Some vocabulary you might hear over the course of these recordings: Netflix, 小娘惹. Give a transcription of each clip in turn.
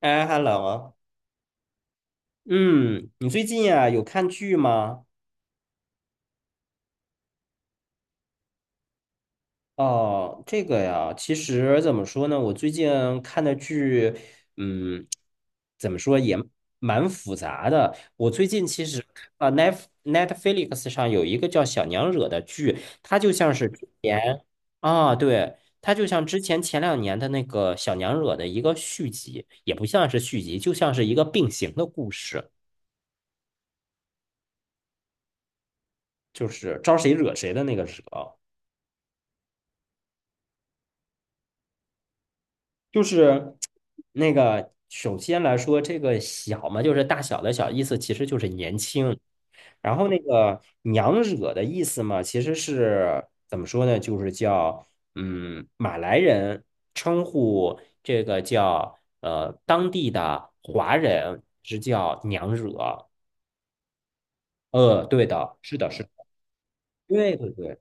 哎，hello，嗯，你最近呀有看剧吗？哦，这个呀，其实怎么说呢，我最近看的剧，嗯，怎么说也蛮复杂的。我最近其实啊，Netflix 上有一个叫《小娘惹》的剧，它就像是之前啊，对，它就像之前2年的那个《小娘惹》的一个续集，也不像是续集，就像是一个并行的故事，就是招谁惹谁的那个惹。就是那个，首先来说，这个小嘛，就是大小的小，意思其实就是年轻。然后那个娘惹的意思嘛，其实是怎么说呢？就是叫马来人称呼这个叫当地的华人是叫娘惹。对的，是的，是的，对对对。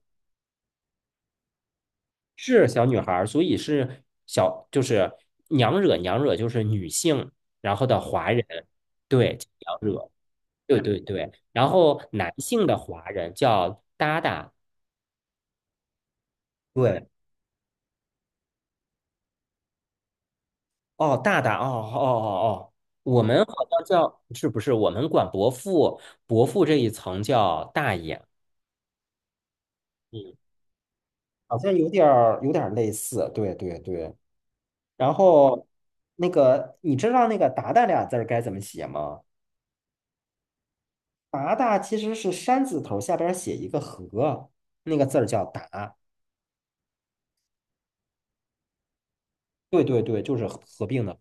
是小女孩儿，所以是小，就是娘惹娘惹就是女性，然后的华人，对，叫娘惹，对对对，然后男性的华人叫达达，对，哦，大大，哦哦哦哦，我们好像叫，是不是我们管伯父这一层叫大爷，嗯，好像有点儿类似，对对对，然后那个你知道那个达达俩字儿该怎么写吗？八大其实是山字头下边写一个合，那个字儿叫达。对对对，就是合并的。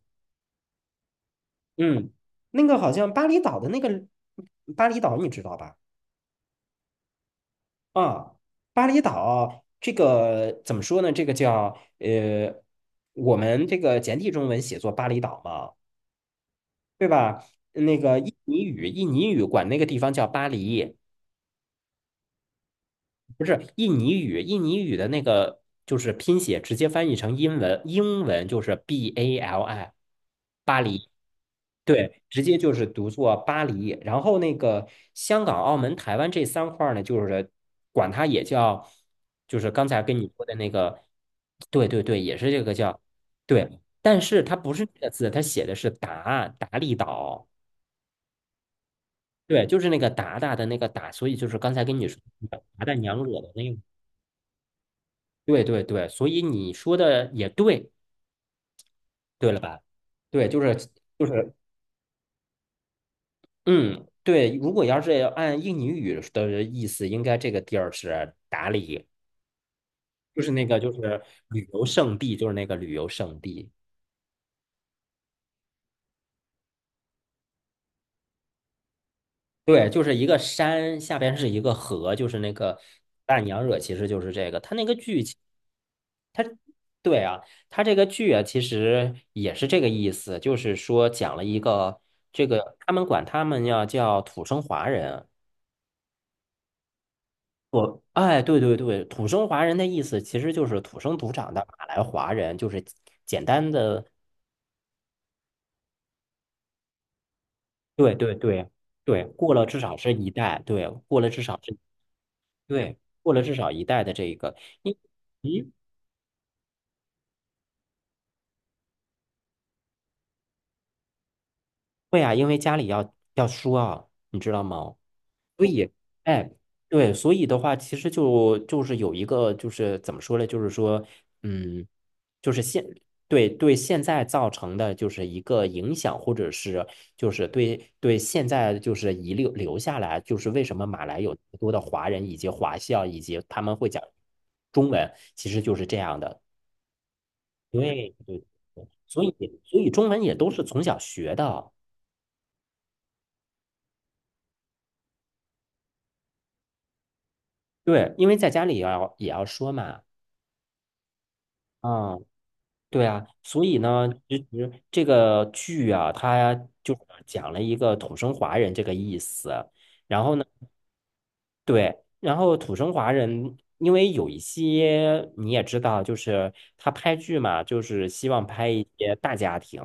嗯，那个好像巴厘岛的那个巴厘岛，你知道吧？啊，巴厘岛这个怎么说呢？这个叫我们这个简体中文写作巴厘岛嘛，对吧？那个印尼语，印尼语管那个地方叫巴黎，不是印尼语，印尼语的那个就是拼写直接翻译成英文，英文就是 BALI。巴黎，对，直接就是读作巴黎。然后那个香港、澳门、台湾这三块儿呢，就是管它也叫，就是刚才跟你说的那个，对对对，也是这个叫，对，但是它不是这个字，它写的是达达利岛，对，就是那个达达的那个达，所以就是刚才跟你说的那个达达娘惹的那个，对对对，所以你说的也对，对了吧？对，就是嗯，对，如果要是按印尼语的意思，应该这个地儿是达里，就是旅游胜地，就是那个旅游胜地。对，就是一个山，下边是一个河，就是那个大娘惹，其实就是这个。它那个剧情，对啊，它这个剧啊，其实也是这个意思，就是说讲了一个这个，他们管他们要叫土生华人。对对对，土生华人的意思其实就是土生土长的马来华人，就是简单的，对对对对，过了至少是一代，对，过了至少是，对，过了至少一代的这一个，因咦，会啊，因为家里要说啊，你知道吗？所以，哎，对，所以的话，其实就是有一个，就是怎么说呢？就是说，嗯，就是现对对现在造成的就是一个影响，或者是就是对对现在就是遗留下来，就是为什么马来有那么多的华人以及华校，以及他们会讲中文，其实就是这样的。对对，对所以中文也都是从小学的，对，因为在家里也要说嘛。啊。对啊，所以呢，其实这个剧啊，它就是讲了一个土生华人这个意思。然后呢，对，然后土生华人，因为有一些你也知道，就是他拍剧嘛，就是希望拍一些大家庭。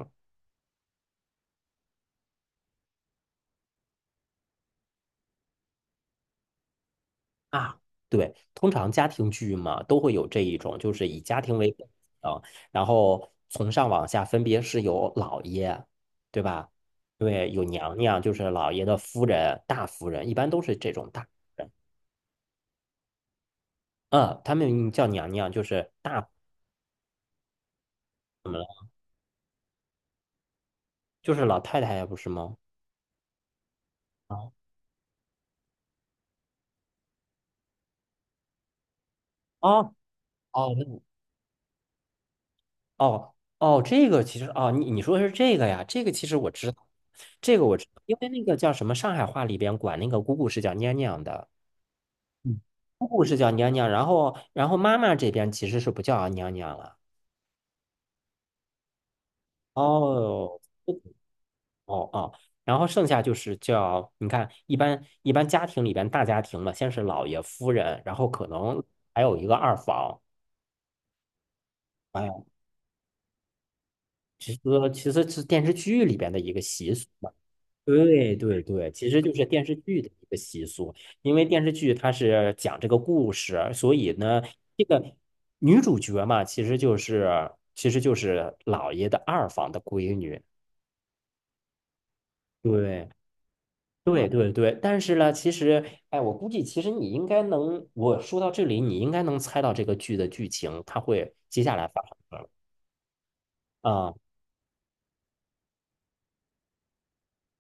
啊，对，通常家庭剧嘛，都会有这一种，就是以家庭为本啊，然后从上往下分别是有老爷，对吧？对，有娘娘，就是老爷的夫人、大夫人，一般都是这种大夫人。嗯，他们叫娘娘，就是怎么了？就是老太太呀，不是吗？啊，哦哦哦哦，这个其实哦，你说的是这个呀？这个其实我知道，这个我知道，因为那个叫什么上海话里边管那个姑姑是叫娘娘的。嗯，姑姑是叫娘娘，然后妈妈这边其实是不叫娘娘了。哦，哦哦，然后剩下就是叫，你看，一般家庭里边大家庭嘛，先是老爷夫人，然后可能还有一个二房。哎呀，其实其实是电视剧里边的一个习俗。对对对，其实就是电视剧的一个习俗，因为电视剧它是讲这个故事，所以呢，这个女主角嘛，其实就是老爷的二房的闺女。对对对对，但是呢，其实哎，我估计其实你应该能，我说到这里，你应该能猜到这个剧的剧情，它会接下来发生什么啊？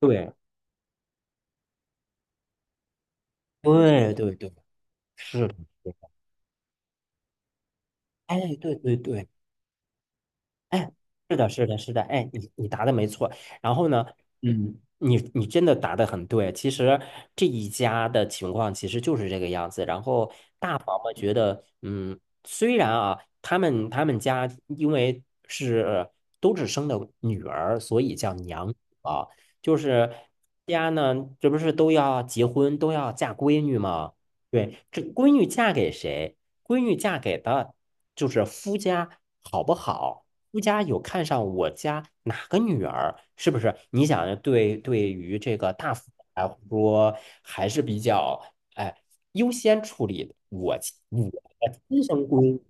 对对对对，是的，是的哎，对对对。哎，是的，是的，是的，哎，你答的没错。然后呢，你真的答的很对。其实这一家的情况其实就是这个样子。然后大房嘛，觉得，嗯，虽然啊，他们家因为是都只生的女儿，所以叫娘啊，就是家呢，这不是都要结婚，都要嫁闺女吗？对，这闺女嫁给谁？闺女嫁给的就是夫家好不好？夫家有看上我家哪个女儿，是不是？你想，对对于这个大夫来说，还是比较哎优先处理我的亲生闺女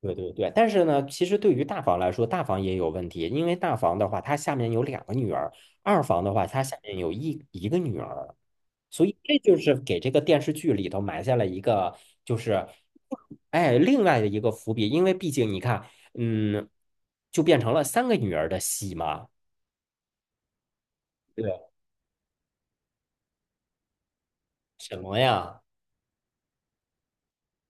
对对对，但是呢，其实对于大房来说，大房也有问题，因为大房的话，他下面有2个女儿；二房的话，他下面有一个女儿，所以这就是给这个电视剧里头埋下了一个，就是哎另外的一个伏笔，因为毕竟你看，嗯，就变成了3个女儿的戏嘛。对，什么呀？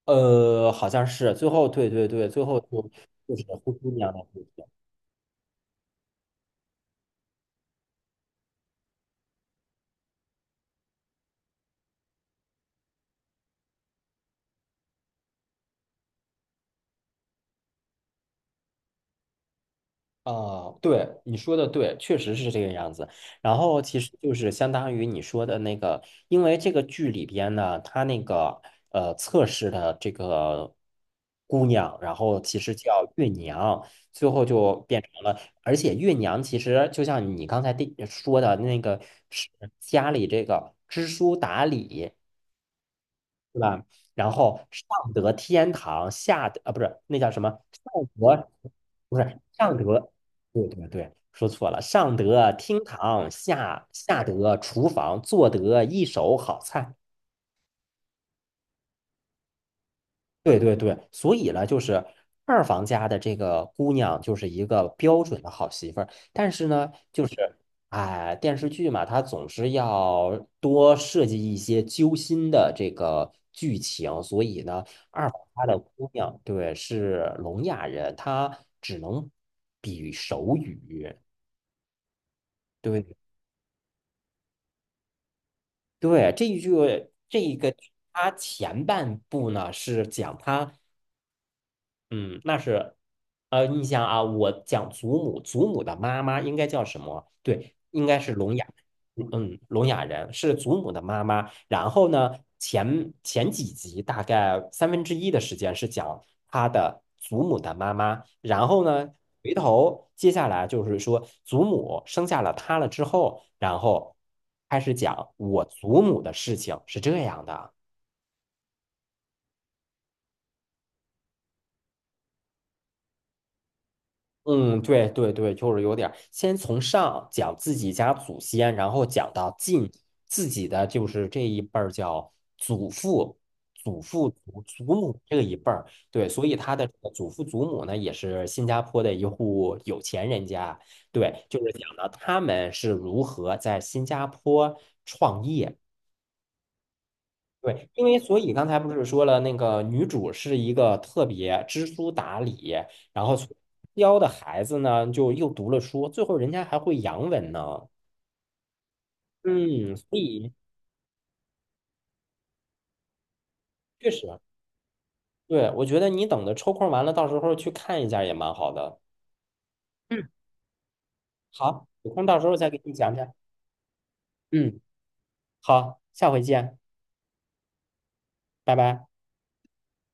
好像是最后，对对对，最后就是灰姑娘的故事。啊，对，你说的对，确实是这个样子。然后其实就是相当于你说的那个，因为这个剧里边呢，它那个测试的这个姑娘，然后其实叫月娘，最后就变成了，而且月娘其实就像你刚才说的那个，是家里这个知书达理，对吧？然后上得天堂，下得啊不是那叫什么？不是上得，对对对，说错了，上得厅堂，下得厨房，做得一手好菜。对对对，所以呢，就是二房家的这个姑娘就是一个标准的好媳妇儿，但是呢，就是哎，电视剧嘛，它总是要多设计一些揪心的这个剧情，所以呢，二房家的姑娘对是聋哑人，她只能比手语。对对，这一个，它前半部呢是讲她嗯，那是，你想啊，我讲祖母，祖母的妈妈应该叫什么？对，应该是聋哑，嗯，聋哑人是祖母的妈妈。然后呢，前几集大概三分之一的时间是讲他的祖母的妈妈。然后呢，回头接下来就是说，祖母生下了他了之后，然后开始讲我祖母的事情，是这样的。嗯，对对对，就是有点儿先从上讲自己家祖先，然后讲到近自己的，就是这一辈儿叫祖父、祖父、祖母这一辈儿。对，所以他的这个祖父祖母呢，也是新加坡的一户有钱人家。对，就是讲到他们是如何在新加坡创业。对，因为所以刚才不是说了，那个女主是一个特别知书达理，然后教的孩子呢，就又读了书，最后人家还会洋文呢。嗯，所以确实，对，我觉得你等着抽空完了，到时候去看一下也蛮好的。嗯，好，有空到时候再给你讲讲。嗯，好，下回见，拜拜。